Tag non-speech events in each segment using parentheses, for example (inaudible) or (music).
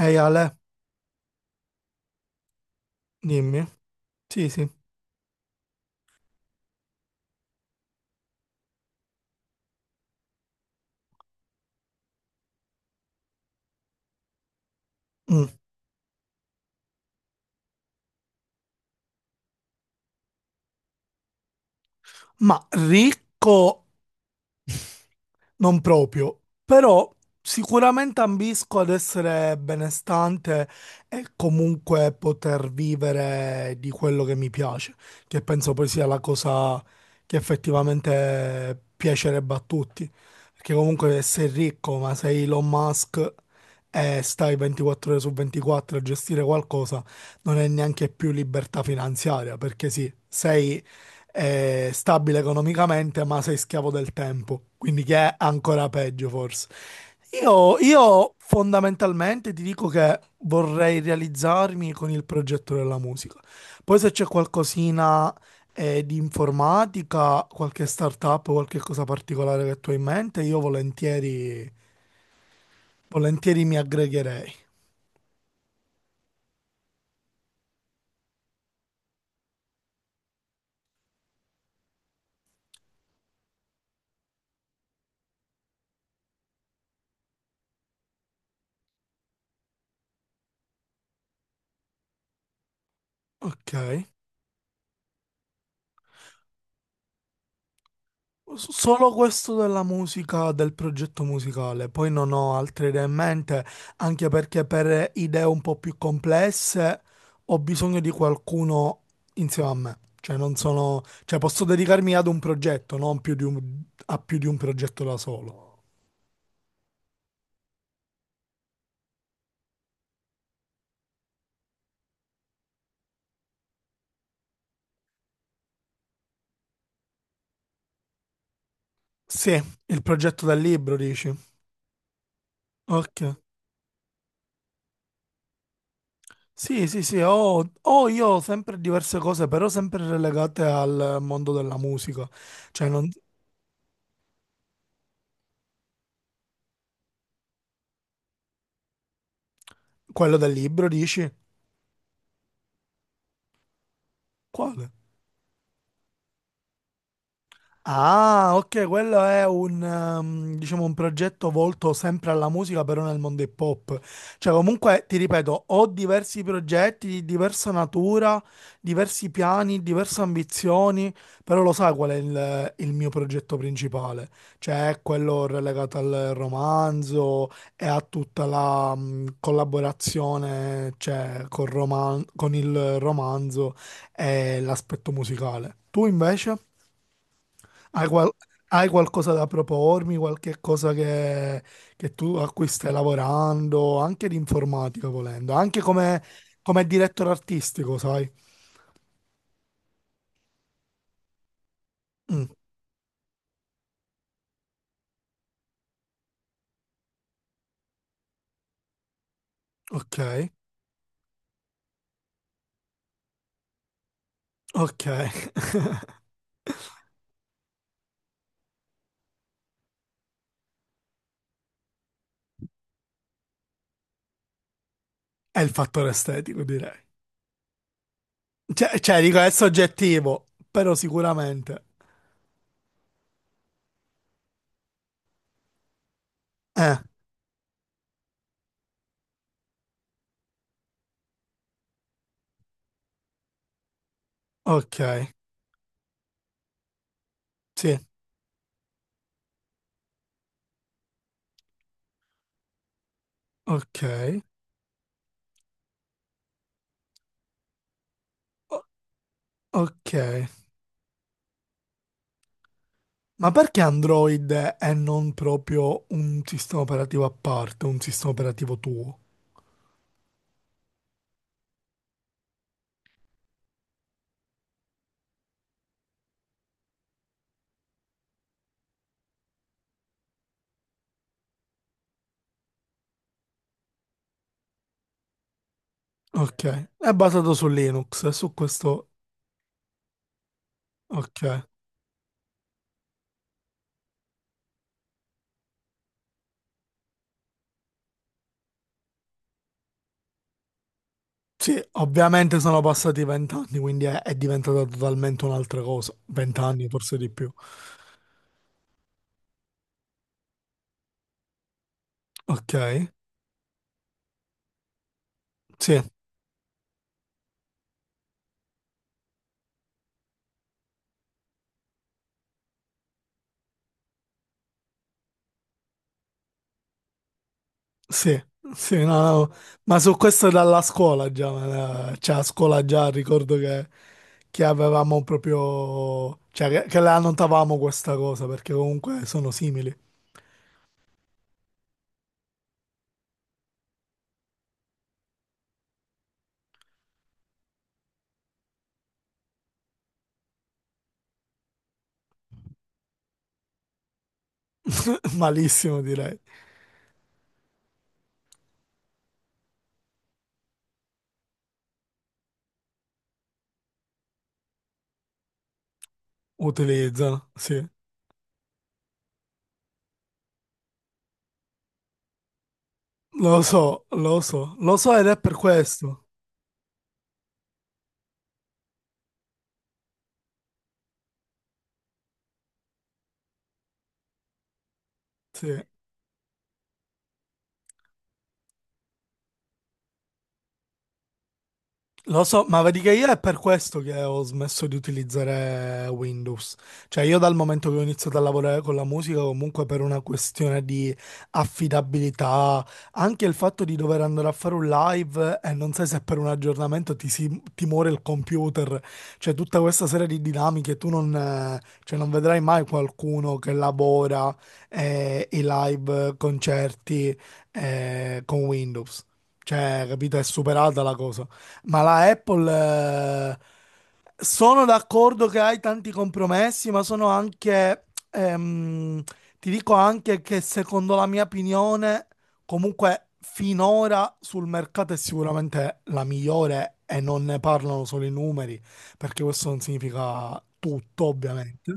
Ehi Ale, dimmi. Sì, sì. Mm. Ma ricco. Non proprio, però sicuramente ambisco ad essere benestante e comunque poter vivere di quello che mi piace, che penso poi sia la cosa che effettivamente piacerebbe a tutti. Perché comunque sei ricco, ma sei Elon Musk e stai 24 ore su 24 a gestire qualcosa, non è neanche più libertà finanziaria, perché sì, sei è stabile economicamente, ma sei schiavo del tempo, quindi che è ancora peggio forse. Io fondamentalmente ti dico che vorrei realizzarmi con il progetto della musica. Poi se c'è qualcosina di informatica, qualche startup, qualche cosa particolare che tu hai in mente, io volentieri, volentieri mi aggregherei. Ok. Solo questo della musica, del progetto musicale, poi non ho altre idee in mente, anche perché per idee un po' più complesse ho bisogno di qualcuno insieme a me, cioè non sono, cioè posso dedicarmi ad un progetto, non più di a più di un progetto da solo. Sì, il progetto del libro, dici? Ok. Sì, sì, sì, ho, ho io ho sempre diverse cose, però sempre relegate al mondo della musica, cioè quello del libro, dici? Quale? Ah, ok, quello è un, diciamo, un progetto volto sempre alla musica, però nel mondo hip hop. Cioè, comunque, ti ripeto, ho diversi progetti di diversa natura, diversi piani, diverse ambizioni, però lo sai qual è il mio progetto principale? Cioè, è quello relegato al romanzo e a tutta la, collaborazione, cioè, con il romanzo e l'aspetto musicale. Tu invece? Hai, qual- hai qualcosa da propormi, qualche cosa che tu a cui stai lavorando, anche di informatica volendo, anche come, come direttore artistico, sai? Mm, ok, ok. (laughs) È il fattore estetico, direi. Cioè, cioè, dico, è soggettivo, però sicuramente. Eh, ok, sì, ok, o- ok. Ma perché Android è non proprio un sistema operativo a parte, un sistema operativo tuo? Ok, è basato su Linux, su questo. Ok. Sì, ovviamente sono passati 20 anni, quindi è diventata totalmente un'altra cosa. 20 anni, forse di più. Ok, sì, sì, sì, no, no. Ma su questo dalla scuola già, ma, cioè a scuola già ricordo che avevamo proprio. Cioè che la annotavamo questa cosa, perché comunque sono simili. (laughs) Malissimo direi. Utilizzano, sì. Lo so, lo so, lo so ed è per questo. Sì. Lo so, ma vedi che io è per questo che ho smesso di utilizzare Windows. Cioè, io dal momento che ho iniziato a lavorare con la musica, comunque per una questione di affidabilità, anche il fatto di dover andare a fare un live e non sai se per un aggiornamento ti, si, ti muore il computer. Cioè, tutta questa serie di dinamiche, tu non, cioè, non vedrai mai qualcuno che lavora i live concerti con Windows. Cioè, capito? È superata la cosa. Ma la Apple, eh, sono d'accordo che hai tanti compromessi, ma sono anche, ehm, ti dico anche che secondo la mia opinione, comunque finora sul mercato è sicuramente la migliore e non ne parlano solo i numeri, perché questo non significa tutto, ovviamente.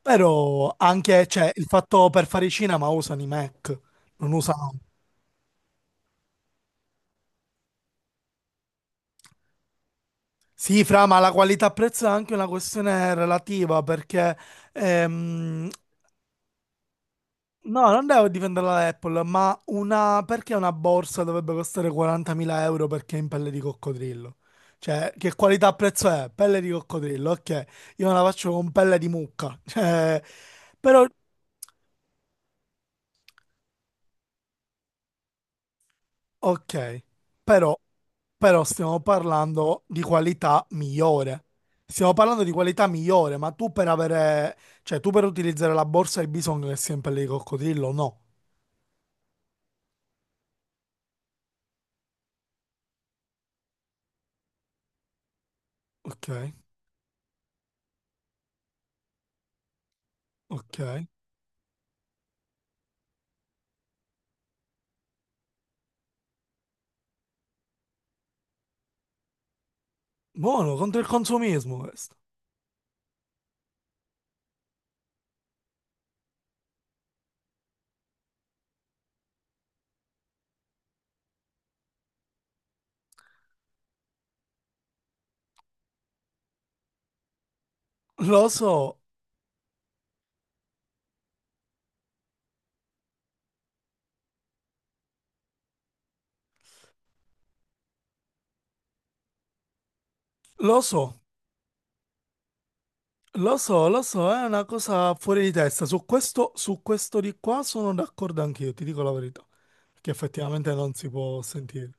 Però anche, cioè, il fatto per fare i cinema usano i Mac, non usano. Sì, Fra, ma la qualità-prezzo è anche una questione relativa perché, ehm, no, non devo difendere la Apple, ma una, perché una borsa dovrebbe costare 40.000 euro perché è in pelle di coccodrillo? Cioè, che qualità-prezzo è? Pelle di coccodrillo, ok, io me la faccio con pelle di mucca, (laughs) cioè, però. Ok, però, però stiamo parlando di qualità migliore. Stiamo parlando di qualità migliore, ma tu per avere, cioè tu per utilizzare la borsa hai bisogno che sia in pelle di coccodrillo? No. Ok, ok. Buono, contro il consumismo questo. Lo so, lo so, lo so, lo so, è una cosa fuori di testa. Su questo di qua sono d'accordo anch'io, ti dico la verità. Perché effettivamente non si può sentire.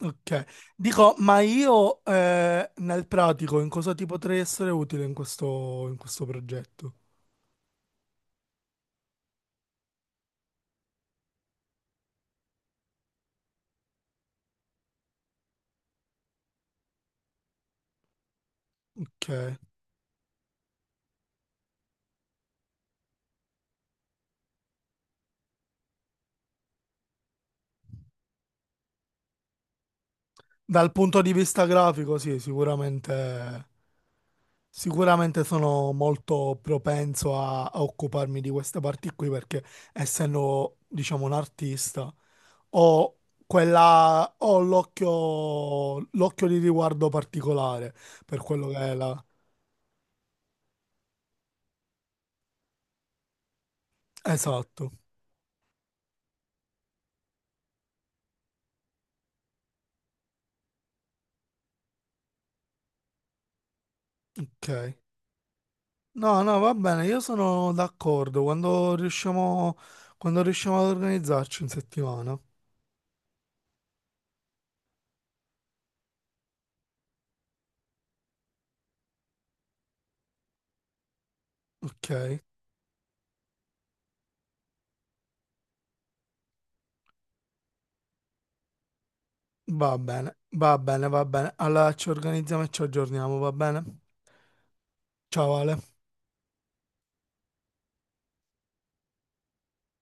Ok, dico, ma io nel pratico in cosa ti potrei essere utile in questo progetto? Ok, dal punto di vista grafico, sì, sicuramente, sicuramente sono molto propenso a, a occuparmi di queste parti qui perché essendo, diciamo, un artista ho quella, ho l'occhio di riguardo particolare per quello che è la. Esatto, ok. No, no, va bene, io sono d'accordo quando riusciamo ad organizzarci in settimana. Ok, va bene, va bene, va bene. Allora ci organizziamo e ci aggiorniamo, va bene? Ciao Ale.